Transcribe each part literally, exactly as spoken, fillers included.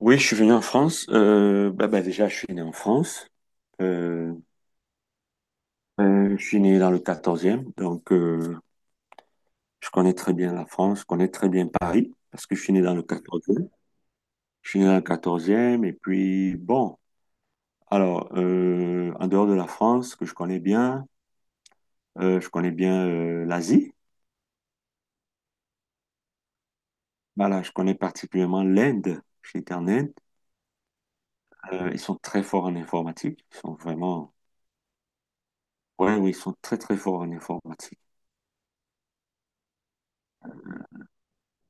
Oui, je suis venu en France. Euh, bah, bah, déjà, je suis né en France. Euh, euh, je suis né dans le quatorze donc euh, je connais très bien la France, je connais très bien Paris, parce que je suis né dans le quatorze. Je suis né dans le quatorze et puis bon, alors, euh, en dehors de la France, que je connais bien, euh, je connais bien euh, l'Asie. Voilà, je connais particulièrement l'Inde. J'étais en Inde. Euh, ils sont très forts en informatique. Ils sont vraiment. Ouais, oui, ils sont très, très forts en informatique.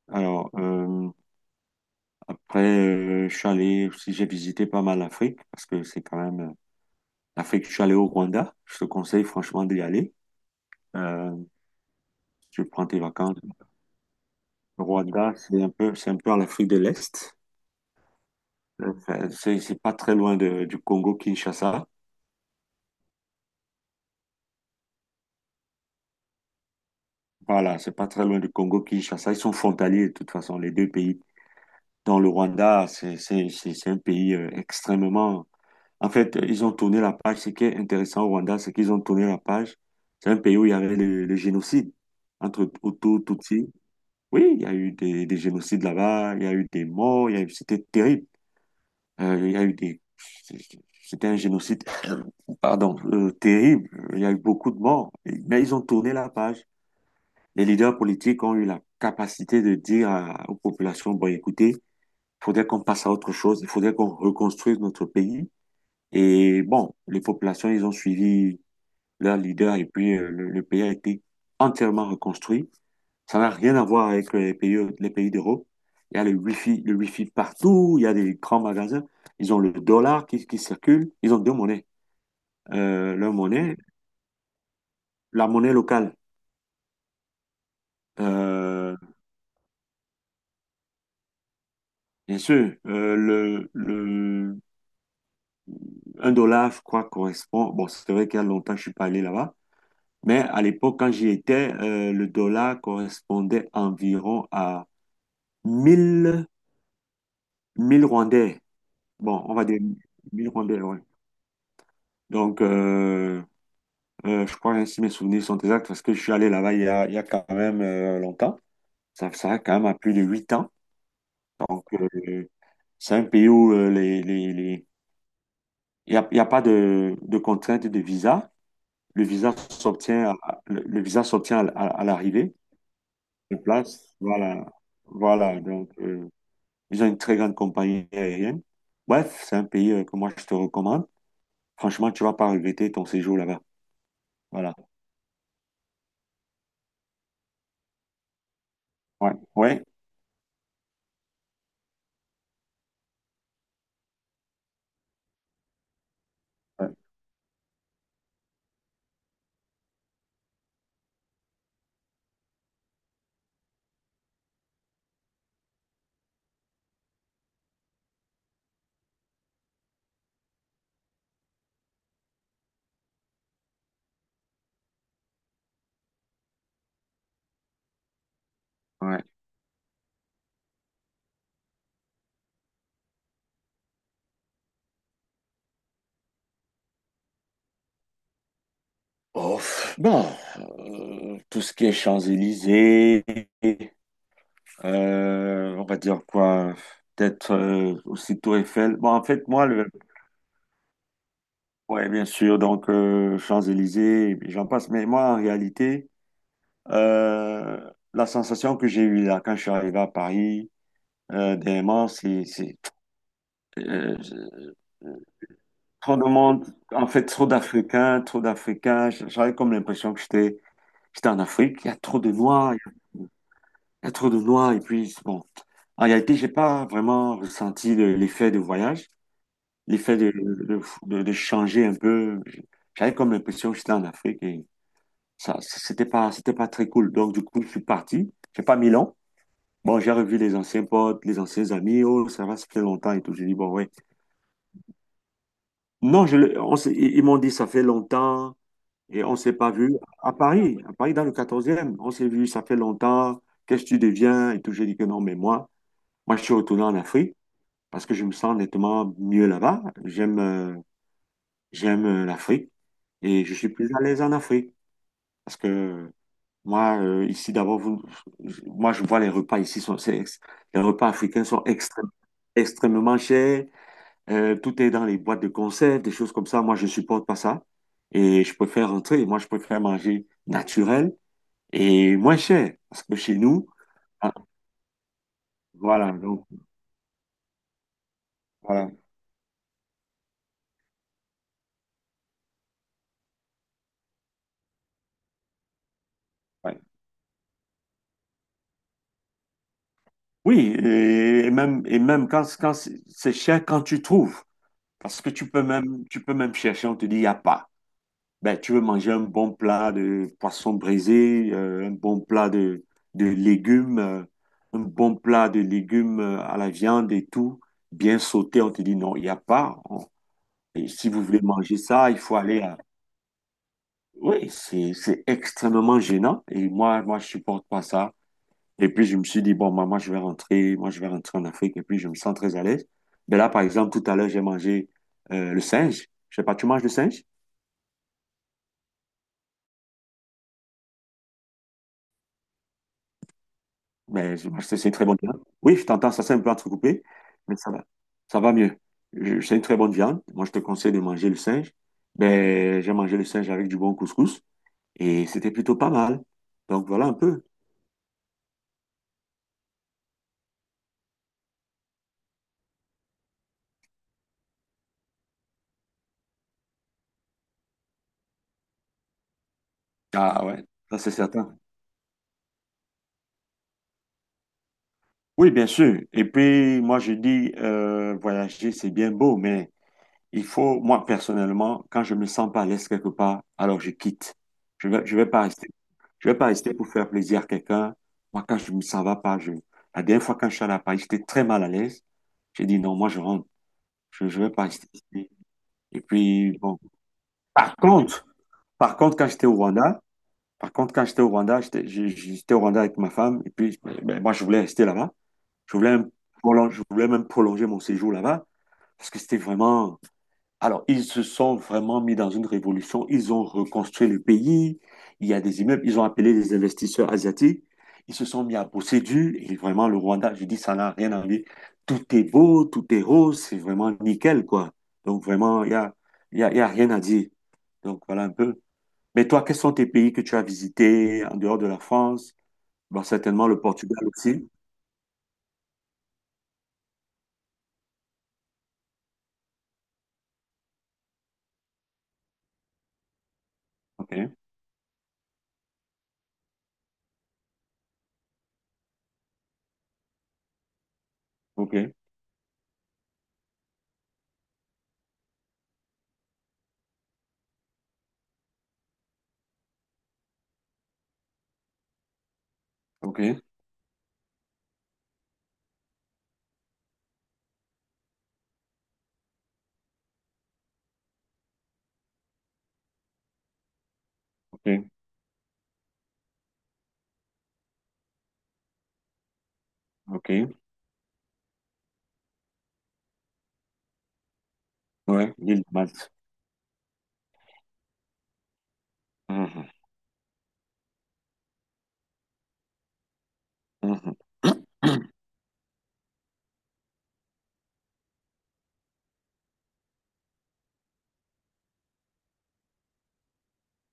Alors, euh, après, euh, je suis allé aussi, j'ai visité pas mal l'Afrique parce que c'est quand même euh, l'Afrique. Je suis allé au Rwanda. Je te conseille franchement d'y aller. Euh, tu prends tes vacances. Le Rwanda, c'est un peu, c'est un peu en Afrique de l'Est. Euh, Enfin, c'est, c'est pas très loin de, du Congo-Kinshasa. Voilà, c'est pas très loin du Congo-Kinshasa. Ils sont frontaliers de toute façon, les deux pays. Dans le Rwanda, c'est, c'est, c'est c'est un pays euh, extrêmement. En fait, ils ont tourné la page. Ce qui est intéressant au Rwanda, c'est qu'ils ont tourné la page. C'est un pays où il y avait le, le génocide entre Hutu, Tutsi. Oui, il y a eu des, des génocides là-bas, il y a eu des morts, il y a eu, c'était terrible. Euh, il y a eu des, c'était un génocide, pardon, euh, terrible. Il y a eu beaucoup de morts. Mais ils ont tourné la page. Les leaders politiques ont eu la capacité de dire à- aux populations, bon, écoutez, il faudrait qu'on passe à autre chose, il faudrait qu'on reconstruise notre pays. Et bon, les populations, ils ont suivi leur leader, et puis euh, le, le pays a été entièrement reconstruit. Ça n'a rien à voir avec les pays, les pays d'Europe. Il y a le wifi, le wifi partout, il y a des grands magasins. Ils ont le dollar qui, qui circule. Ils ont deux monnaies. Euh, leur monnaie, la monnaie locale. Euh, bien sûr, euh, le, le, un dollar, je crois, correspond. Bon, c'est vrai qu'il y a longtemps que je ne suis pas allé là-bas, mais à l'époque, quand j'y étais, euh, le dollar correspondait environ à mille mille Rwandais. Bon, on va dire mille rondelles, ouais. Donc, euh, euh, je crois ainsi mes souvenirs sont exacts parce que je suis allé là-bas il y a, il y a quand même euh, longtemps. Ça, ça a quand même à plus de huit ans. Donc, euh, c'est un pays où euh, les, les, les... il n'y a, il y a pas de, de contrainte de visa. Le visa s'obtient à, le, le visa s'obtient à, à- à l'arrivée de place. Voilà. Voilà. Donc, euh, ils ont une très grande compagnie aérienne. Bref, c'est un pays euh, que moi je te recommande. Franchement, tu vas pas regretter ton séjour là-bas. Voilà. Ouais, ouais, ouais. Ouais. Oh, pff, bon, euh, tout ce qui est Champs-Élysées, euh, on va dire quoi, peut-être euh, aussi Tour Eiffel. Bon, en fait, moi, le, ouais, bien sûr, donc euh, Champs-Élysées, et puis j'en passe. Mais moi, en réalité, euh, la sensation que j'ai eue là quand je suis arrivé à Paris, euh, dernièrement, c'est c'est, euh, trop de monde, en fait, trop d'Africains, trop d'Africains. J'avais comme l'impression que j'étais j'étais en Afrique. Il y a trop de Noirs. Il y a trop de noir et puis bon. En réalité, j'ai pas vraiment ressenti le- l'effet de voyage, l'effet de, de, de, de changer un peu. J'avais comme l'impression que j'étais en Afrique et ça, c'était pas, c'était pas très cool. Donc, du coup, je suis parti. J'ai pas mis long. Bon, j'ai revu les anciens potes, les anciens amis. Oh, ça va, ça fait longtemps et tout. J'ai dit, bon, ouais. Non, je, le- on s'est- ils ils m'ont dit, ça fait longtemps et on s'est pas vu. À Paris, à Paris, dans le quatorzième, on s'est vu, ça fait longtemps. Qu'est-ce que tu deviens et tout. J'ai dit que non, mais moi, moi, je suis retourné en Afrique. Parce que je me sens nettement mieux là-bas. J'aime euh, j'aime euh, l'Afrique et je suis plus à l'aise en Afrique parce que moi euh, ici d'abord vous moi je vois les repas ici sont c'est ex- les repas africains sont extré- extrêmement chers. Euh, tout est dans les boîtes de conserve, des choses comme ça. Moi je supporte pas ça et je préfère rentrer. Moi je préfère manger naturel et moins cher parce que chez nous ah, voilà donc voilà. Oui, et et même, et même quand, quand c'est c'est cher, quand tu trouves, parce que tu peux même, tu peux même chercher, on te dit, il n'y a pas. Ben, tu veux manger un bon plat de poisson brisé, euh, un bon plat de, de légumes, euh, un bon plat de légumes euh, à la viande et tout, bien sauté, on te dit, non, il n'y a pas. On- Et si vous voulez manger ça, il faut aller à. Oui, c'est, c'est extrêmement gênant et moi, moi, je supporte pas ça. Et puis, je me suis dit, bon, maman je vais rentrer, moi, je vais rentrer en Afrique. Et puis, je me sens très à l'aise. Mais là, par exemple, tout à l'heure, j'ai mangé euh, le singe. Je sais pas, tu manges le singe? Mais je mange- c'est c'est une très bonne viande. Oui, je t'entends, ça c'est un peu entrecoupé, mais ça va. Ça va mieux. Je- C'est une très bonne viande. Moi, je te conseille de manger le singe. Ben, j'ai mangé le singe avec du bon couscous et c'était plutôt pas mal. Donc, voilà un peu. Ah ouais, ça c'est certain. Oui, bien sûr. Et puis, moi, je dis, euh, voyager, c'est bien beau, mais Il faut, moi personnellement, quand je me sens pas à l'aise quelque part, alors je quitte. Je vais, je vais pas rester, je vais pas rester pour faire plaisir à quelqu'un. Moi, quand je me sens va pas, je, la dernière fois quand je suis allé à Paris, j'étais très mal à l'aise. J'ai dit non, moi je rentre. Je, je vais pas rester ici. Et puis, bon. Par contre, par contre, quand j'étais au Rwanda, par contre, quand j'étais au Rwanda, j'étais, je- j'étais au Rwanda avec ma femme. Et puis, ben, moi, je voulais rester là-bas. Je voulais même prolon- je voulais même prolonger mon séjour là-bas parce que c'était vraiment. Alors, ils se sont vraiment mis dans une révolution. Ils ont reconstruit le pays. Il y a des immeubles. Ils ont appelé des investisseurs asiatiques. Ils se sont mis à bosser dur. Et vraiment, le Rwanda, je dis, ça n'a rien à voir. Tout est beau, tout est rose. C'est vraiment nickel, quoi. Donc, vraiment, il y a, il y a, il y a rien à dire. Donc, voilà un peu. Mais toi, quels sont tes pays que tu as visités en dehors de la France? Bon, certainement le Portugal aussi. OK, OK, OK, OK, OK. Ouais, l'île de Malte. Mhm, mhm.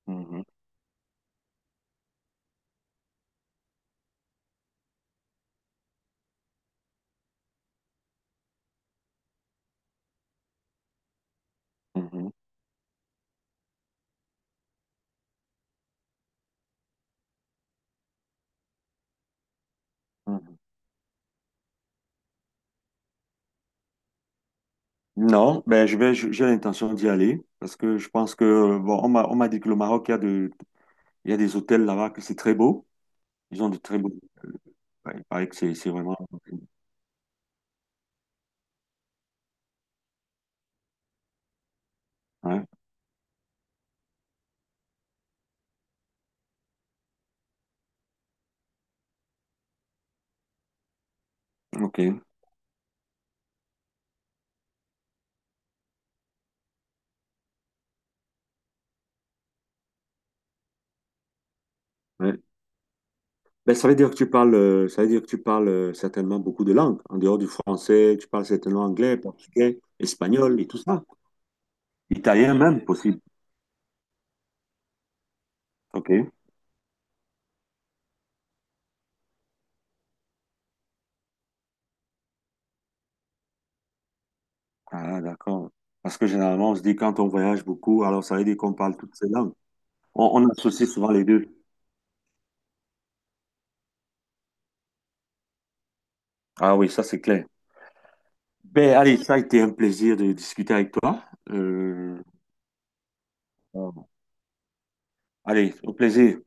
Mhm. Mhm, mhm. Non, ben je vais, je- j'ai l'intention d'y aller parce que je pense que euh, bon, on m'a, on m'a dit que le Maroc, il y a de, il y a des hôtels là-bas que c'est très beau. Ils ont de très beaux. Ouais, il paraît que c'est, c'est vraiment. Ouais, ok. Ouais. Ben ça veut dire que tu parles, euh, ça veut dire que tu parles euh, certainement beaucoup de langues. En dehors du français, tu parles certainement anglais, portugais, espagnol et tout ça. Italien même, possible. Ok. Ah, d'accord. Parce que généralement, on se dit quand on voyage beaucoup, alors ça veut dire qu'on parle toutes ces langues. on on associe souvent les deux. Ah oui, ça c'est clair. Ben, allez, ça a été un plaisir de discuter avec toi. Euh, allez, au plaisir.